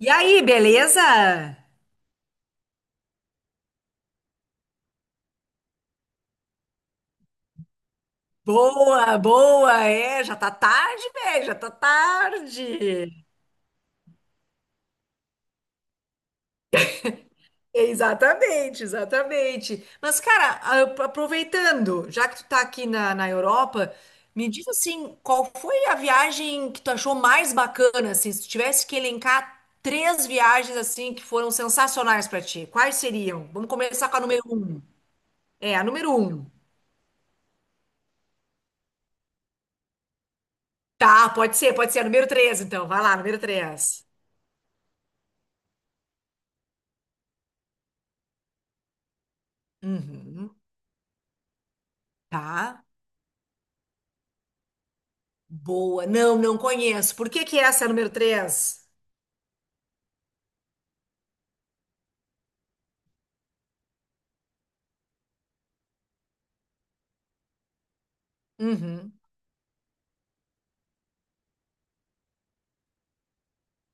E aí, beleza? Boa, boa, é, já tá tarde, velho, já tá tarde. Exatamente, exatamente. Mas, cara, aproveitando, já que tu tá aqui na Europa, me diz assim, qual foi a viagem que tu achou mais bacana, assim, se tu tivesse que elencar três viagens, assim, que foram sensacionais pra ti, quais seriam? Vamos começar com a número um. É, a número um. Tá, pode ser, a número três, então, vai lá, número três. Uhum. Tá? Boa. Não, não conheço. Por que que essa é a número três? Uhum.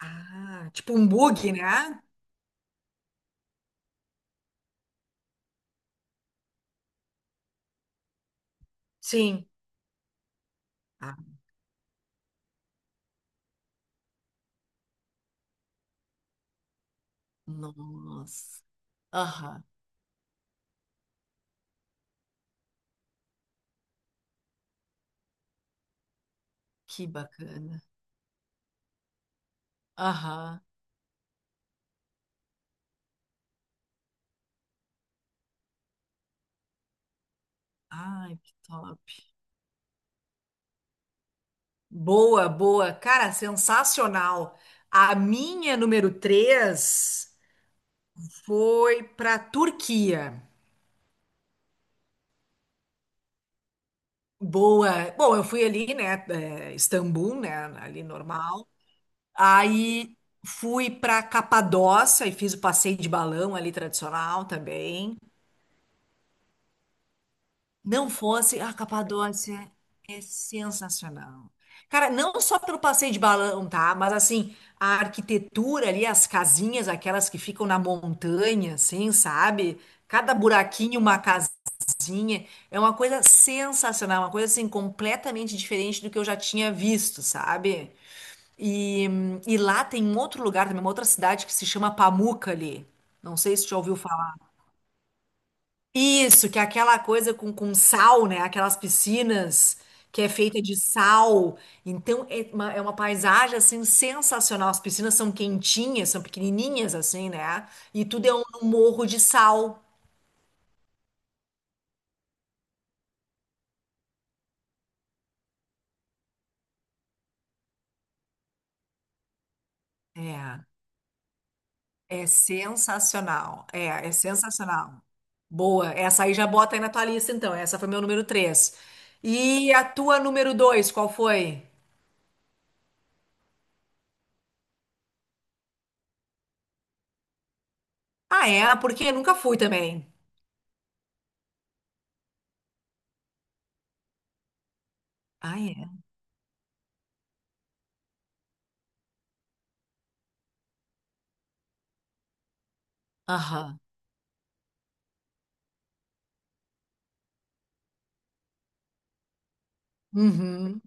Ah, tipo um bug, né? Sim. Ah, nossa. Aham, que bacana. Aham. Ai, que top. Boa, boa. Cara, sensacional. A minha número 3 foi para Turquia. Boa. Bom, eu fui ali, né? Istambul, né? Ali normal. Aí fui para Capadócia e fiz o passeio de balão ali tradicional também. Não fosse, a Capadócia é sensacional. Cara, não só pelo passeio de balão, tá? Mas assim, a arquitetura ali, as casinhas, aquelas que ficam na montanha, assim, sabe? Cada buraquinho uma casinha. É uma coisa sensacional, uma coisa assim completamente diferente do que eu já tinha visto, sabe? E, e lá tem um outro lugar também, uma outra cidade que se chama Pamukkale. Não sei se tu já ouviu falar. Isso, que é aquela coisa com sal, né? Aquelas piscinas que é feita de sal. Então é uma paisagem assim sensacional. As piscinas são quentinhas, são pequenininhas assim, né? E tudo é um morro de sal. É. É sensacional. É sensacional. Boa. Essa aí já bota aí na tua lista, então. Essa foi meu número 3. E a tua número dois, qual foi? Ah, é? Ah, porque nunca fui também. Ah, é? Aham. Uhum.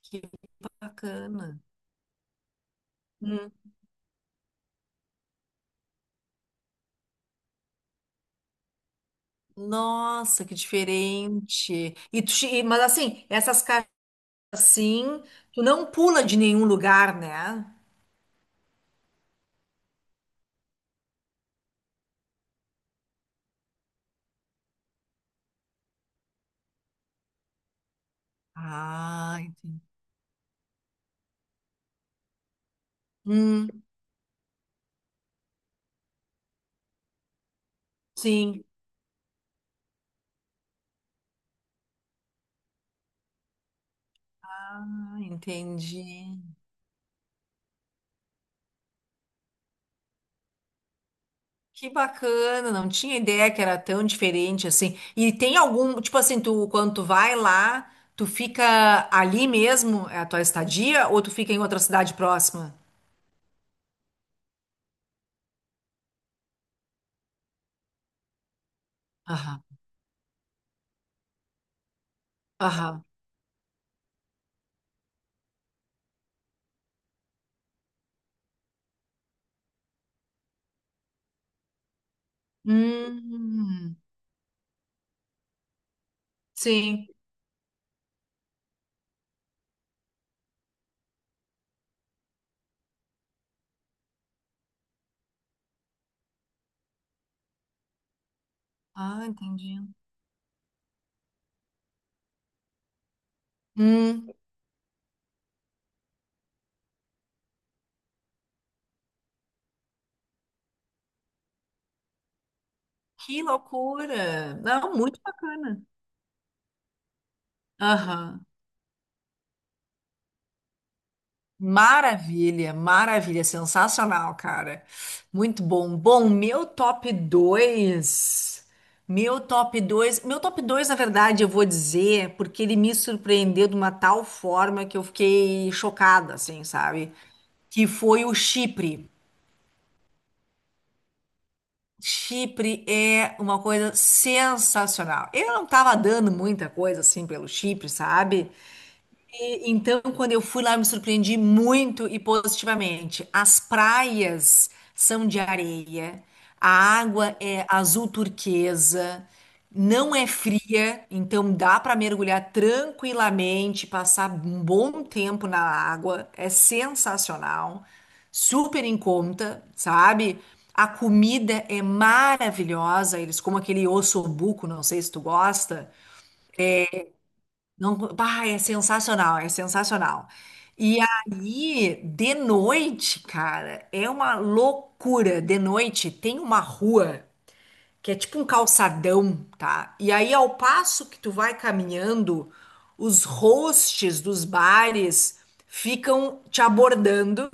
Que bacana. Hum. Nossa, que diferente. E tu, mas assim, essas casas assim, tu não pula de nenhum lugar, né? Ah, entendi. Hum, sim. Ah, entendi. Que bacana, não tinha ideia que era tão diferente assim. E tem algum, tipo assim, tu quando tu vai lá, tu fica ali mesmo, é a tua estadia, ou tu fica em outra cidade próxima? Aham, aham. Hum, sim. Ah, entendi. Hum, que loucura. Não, muito bacana. Aham. Maravilha, maravilha, sensacional, cara. Muito bom. Bom, meu top 2, Meu top 2, meu top dois. Na verdade, eu vou dizer, porque ele me surpreendeu de uma tal forma que eu fiquei chocada, assim, sabe? Que foi o Chipre. Chipre é uma coisa sensacional. Eu não tava dando muita coisa assim pelo Chipre, sabe? E, então, quando eu fui lá, eu me surpreendi muito e positivamente. As praias são de areia, a água é azul turquesa, não é fria, então dá para mergulhar tranquilamente, passar um bom tempo na água. É sensacional, super em conta, sabe? A comida é maravilhosa, eles comem aquele ossobuco, não sei se tu gosta. Não, bah, é sensacional, é sensacional. E aí, de noite, cara, é uma loucura. De noite tem uma rua que é tipo um calçadão, tá? E aí, ao passo que tu vai caminhando, os hosts dos bares ficam te abordando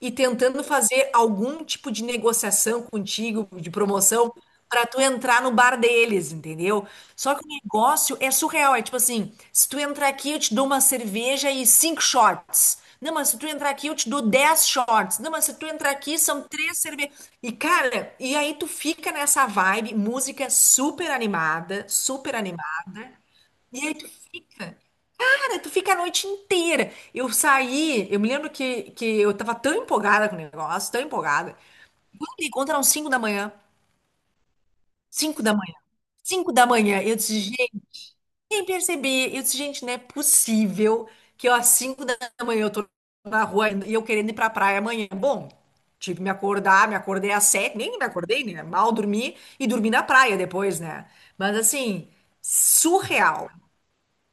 e tentando fazer algum tipo de negociação contigo, de promoção, pra tu entrar no bar deles, entendeu? Só que o negócio é surreal, é tipo assim, se tu entrar aqui, eu te dou uma cerveja e cinco shots. Não, mas se tu entrar aqui, eu te dou 10 shorts. Não, mas se tu entrar aqui, são três cervejas. E, cara, e aí tu fica nessa vibe, música super animada, super animada. E aí tu fica, cara, tu fica a noite inteira. Eu saí, eu me lembro que eu tava tão empolgada com o negócio, tão empolgada. Quando me encontram 5 da manhã, 5 da manhã, 5 da manhã, eu disse, nem percebi. Eu disse, gente, não é possível que eu, às 5 da manhã eu tô na rua e eu querendo ir pra praia amanhã. Bom, tive que me acordar, me acordei às 7 nem me acordei, né? Mal dormi e dormi na praia depois, né? Mas assim, surreal.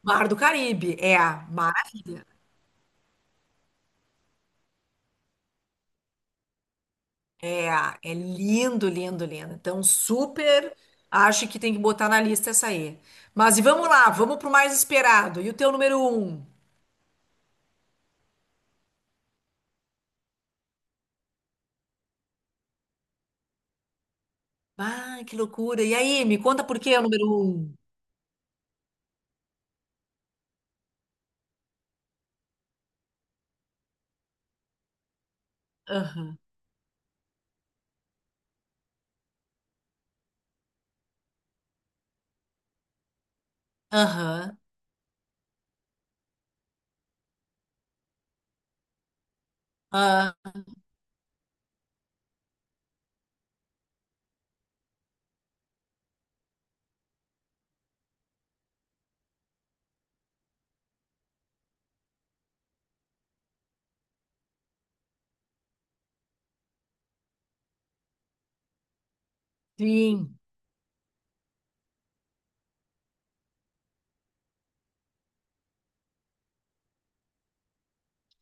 Mar do Caribe, é, maravilha, é, é, lindo, lindo, lindo. Então, super, acho que tem que botar na lista essa aí. Mas e vamos lá, vamos pro mais esperado. E o teu número um? Ah, que loucura. E aí, me conta por que é o número um? Aham, aham, ah, sim,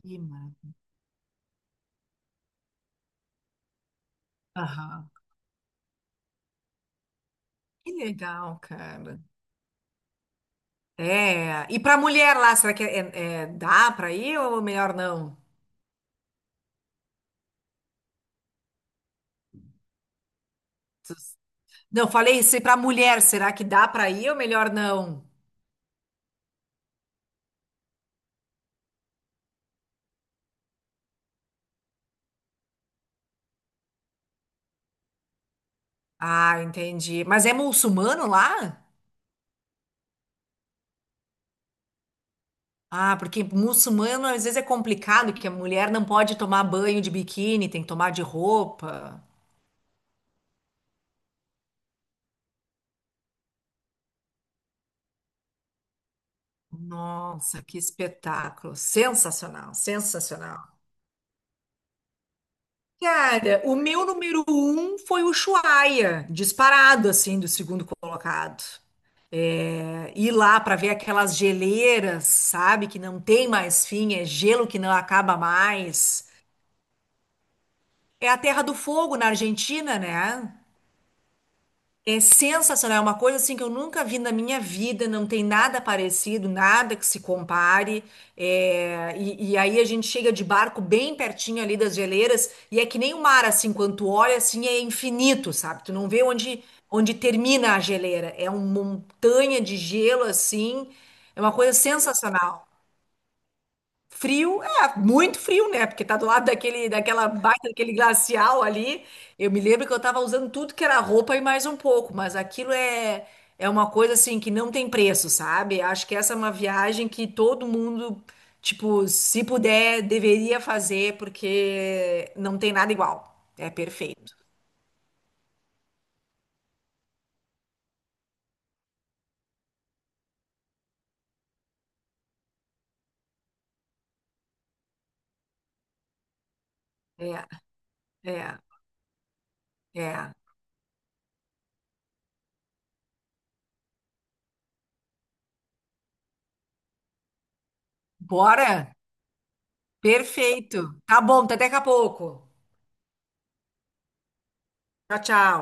que aham. Que legal, cara. É, e pra mulher lá, será que é, dá pra ir ou melhor não? Não, falei isso, e pra mulher, será que dá pra ir ou melhor não? Ah, entendi. Mas é muçulmano lá? Ah, porque muçulmano às vezes é complicado, que a mulher não pode tomar banho de biquíni, tem que tomar de roupa. Nossa, que espetáculo! Sensacional, sensacional. Cara, o meu número um foi o Ushuaia, disparado assim do segundo colocado. É, ir lá para ver aquelas geleiras, sabe, que não tem mais fim, é gelo que não acaba mais. É a Terra do Fogo na Argentina, né? É sensacional, é uma coisa assim que eu nunca vi na minha vida, não tem nada parecido, nada que se compare. É, e aí a gente chega de barco bem pertinho ali das geleiras, e é que nem o mar, assim, quando tu olha assim, é infinito, sabe? Tu não vê onde termina a geleira. É uma montanha de gelo, assim, é uma coisa sensacional. Frio, é, muito frio, né? Porque tá do lado daquele, daquela baita, daquele glacial ali. Eu me lembro que eu tava usando tudo que era roupa e mais um pouco, mas aquilo é, é uma coisa assim que não tem preço, sabe? Acho que essa é uma viagem que todo mundo, tipo, se puder, deveria fazer, porque não tem nada igual. É perfeito. É, é, é. Bora? Perfeito. Tá bom, tá até daqui a pouco. Tchau, tchau.